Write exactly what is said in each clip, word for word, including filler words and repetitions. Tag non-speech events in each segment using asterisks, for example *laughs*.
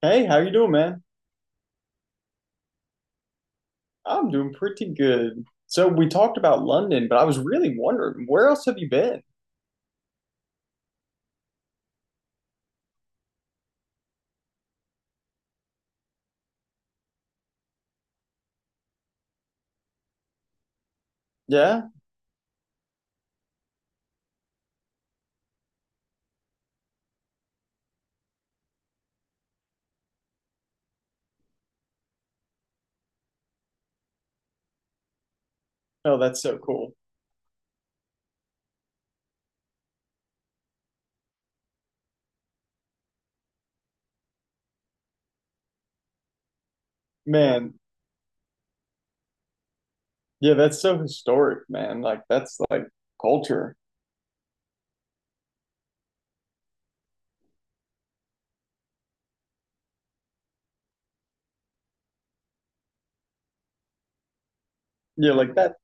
Hey, how you doing, man? I'm doing pretty good. So we talked about London, but I was really wondering, where else have you been? Yeah? Oh, that's so cool. Man, yeah, that's so historic, man. Like that's like culture. Yeah, like that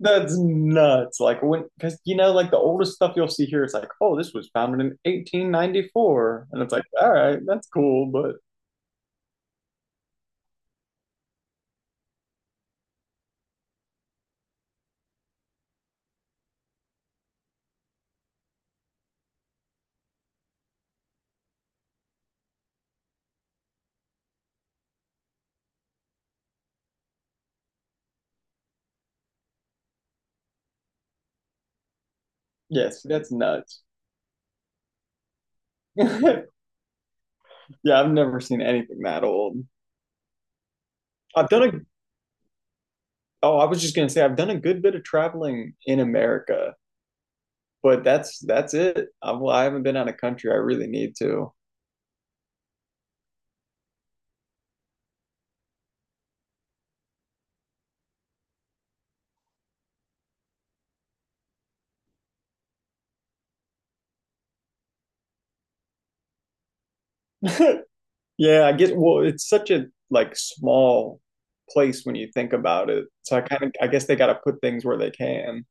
that's nuts. Like when because you know, like the oldest stuff you'll see here, it's like, oh, this was founded in eighteen ninety-four. And it's like, all right, that's cool, but yes, that's nuts. *laughs* Yeah, I've never seen anything that old. I've done a Oh, I was just gonna say I've done a good bit of traveling in America, but that's that's it. I, well, I haven't been out of country. I really need to. *laughs* Yeah, I guess. Well, it's such a like small place when you think about it. So I kind of, I guess they got to put things where they can.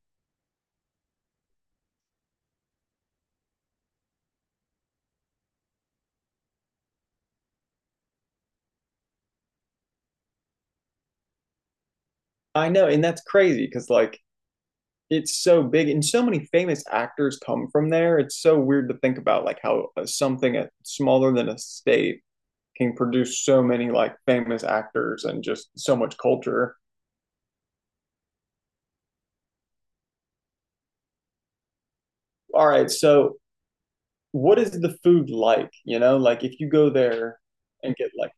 I know, and that's crazy because like it's so big, and so many famous actors come from there. It's so weird to think about like how uh, something at, smaller than a state can produce so many like famous actors and just so much culture. All right, so what is the food like? You know, like if you go there and get like,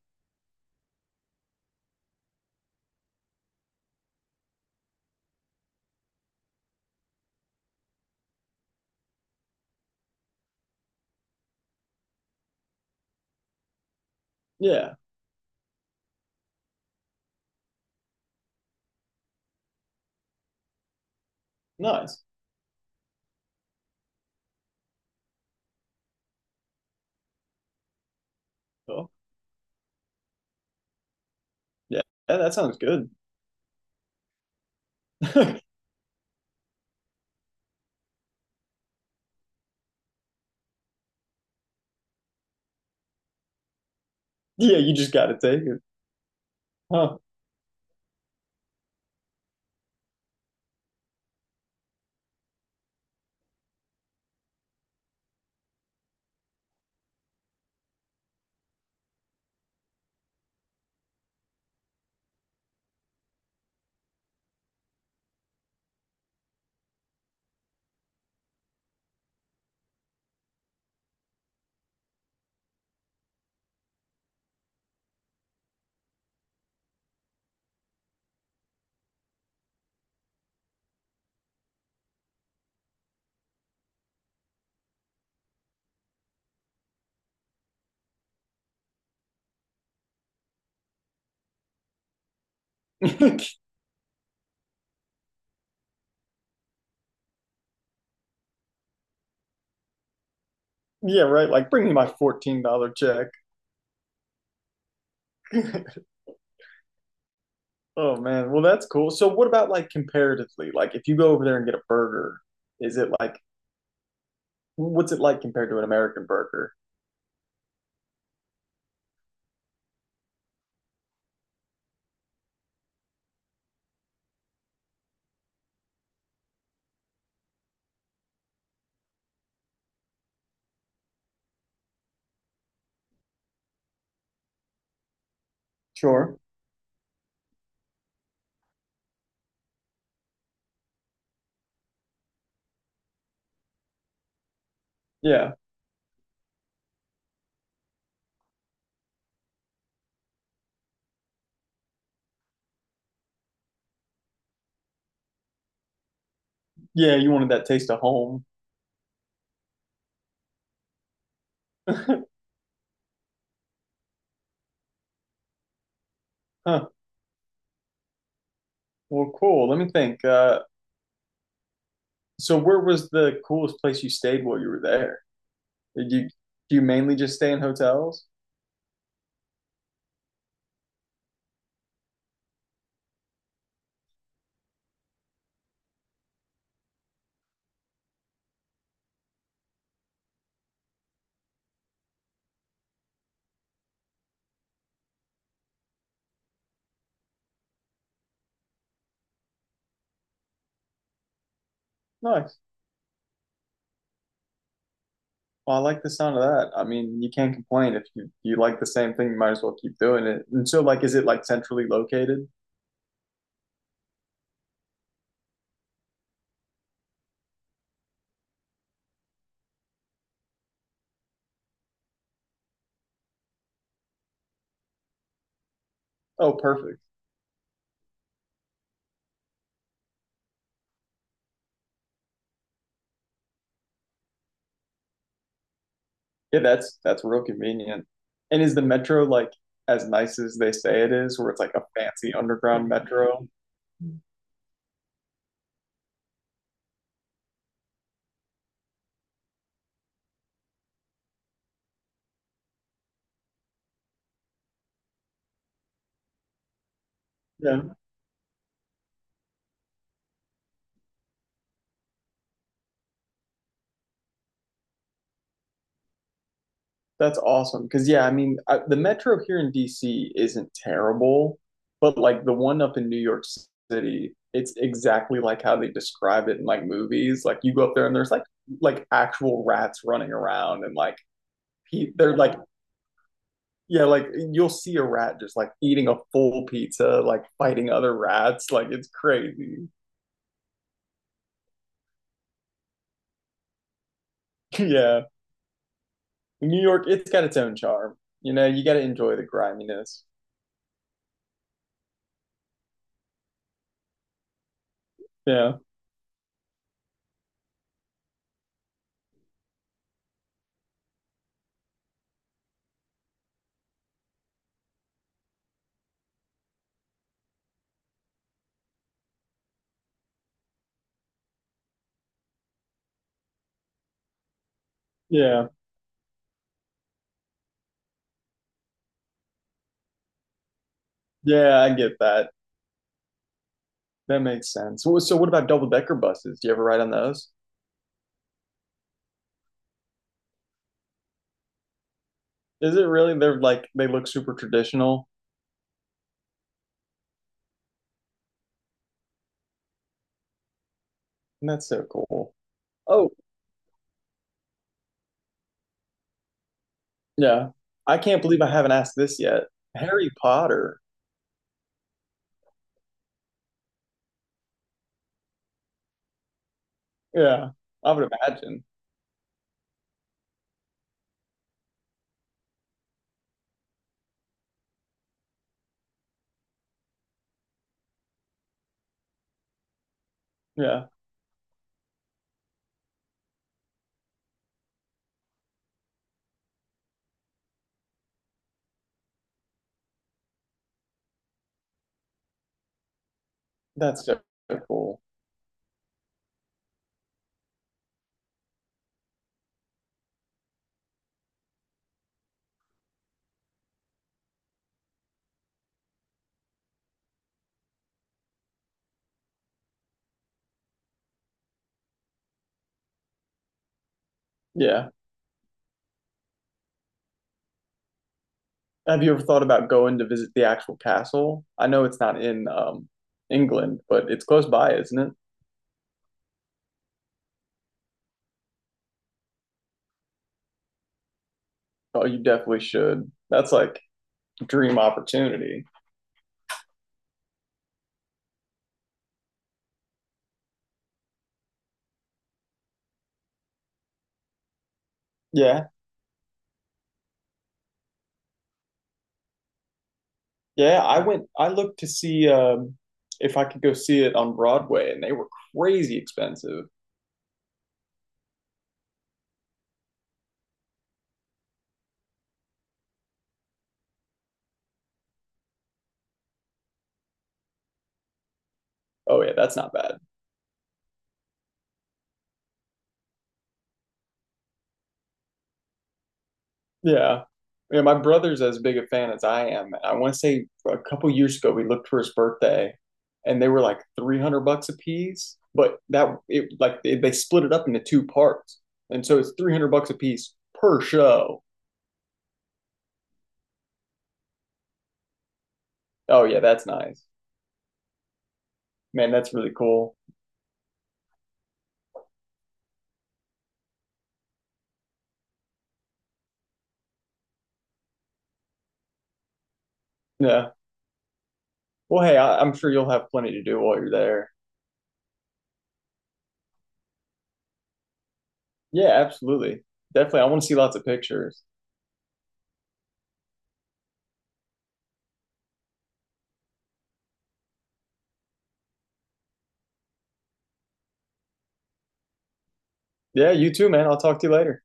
yeah, nice. Oh, yeah, yeah, that sounds good. *laughs* Yeah, you just gotta take it. Huh. *laughs* Yeah, right. Like bring me my fourteen dollars check. *laughs* Oh man. Well, that's cool. So what about like comparatively? Like if you go over there and get a burger, is it like what's it like compared to an American burger? Sure. Yeah. Yeah, you wanted that taste of home. *laughs* Huh. Well, cool. Let me think. Uh So where was the coolest place you stayed while you were there? Did you do you mainly just stay in hotels? Nice. Well, I like the sound of that. I mean, you can't complain if you you like the same thing, you might as well keep doing it. And so like is it like centrally located? Oh, perfect. Yeah, that's that's real convenient. And is the metro like as nice as they say it is, where it's like a fancy underground metro? Yeah. That's awesome. Because, yeah, I mean, I, the metro here in D C isn't terrible, but like the one up in New York City, it's exactly like how they describe it in like movies. Like you go up there and there's like like actual rats running around and like pe- they're like yeah, like you'll see a rat just like eating a full pizza, like fighting other rats. Like it's crazy. *laughs* Yeah. New York, it's got its own charm. You know, you got to enjoy the griminess. Yeah. Yeah. Yeah, I get that. That makes sense. Well, so, what about double decker buses? Do you ever ride on those? Is it really? They're like they look super traditional, and that's so cool. Oh, yeah. I can't believe I haven't asked this yet. Harry Potter. Yeah, I would imagine. Yeah, that's so cool. Yeah. Have you ever thought about going to visit the actual castle? I know it's not in um England, but it's close by, isn't it? Oh, you definitely should. That's like dream opportunity. Yeah. Yeah, I went, I looked to see um, if I could go see it on Broadway, and they were crazy expensive. Oh, yeah, that's not bad. Yeah. Yeah, my brother's as big a fan as I am. I want to say a couple years ago, we looked for his birthday, and they were like three hundred bucks a piece, but that, it like, they, they split it up into two parts. And so it's three hundred bucks a piece per show. Oh, yeah, that's nice. Man, that's really cool. Yeah. Well, hey, I, I'm sure you'll have plenty to do while you're there. Yeah, absolutely. Definitely. I want to see lots of pictures. Yeah, you too, man. I'll talk to you later.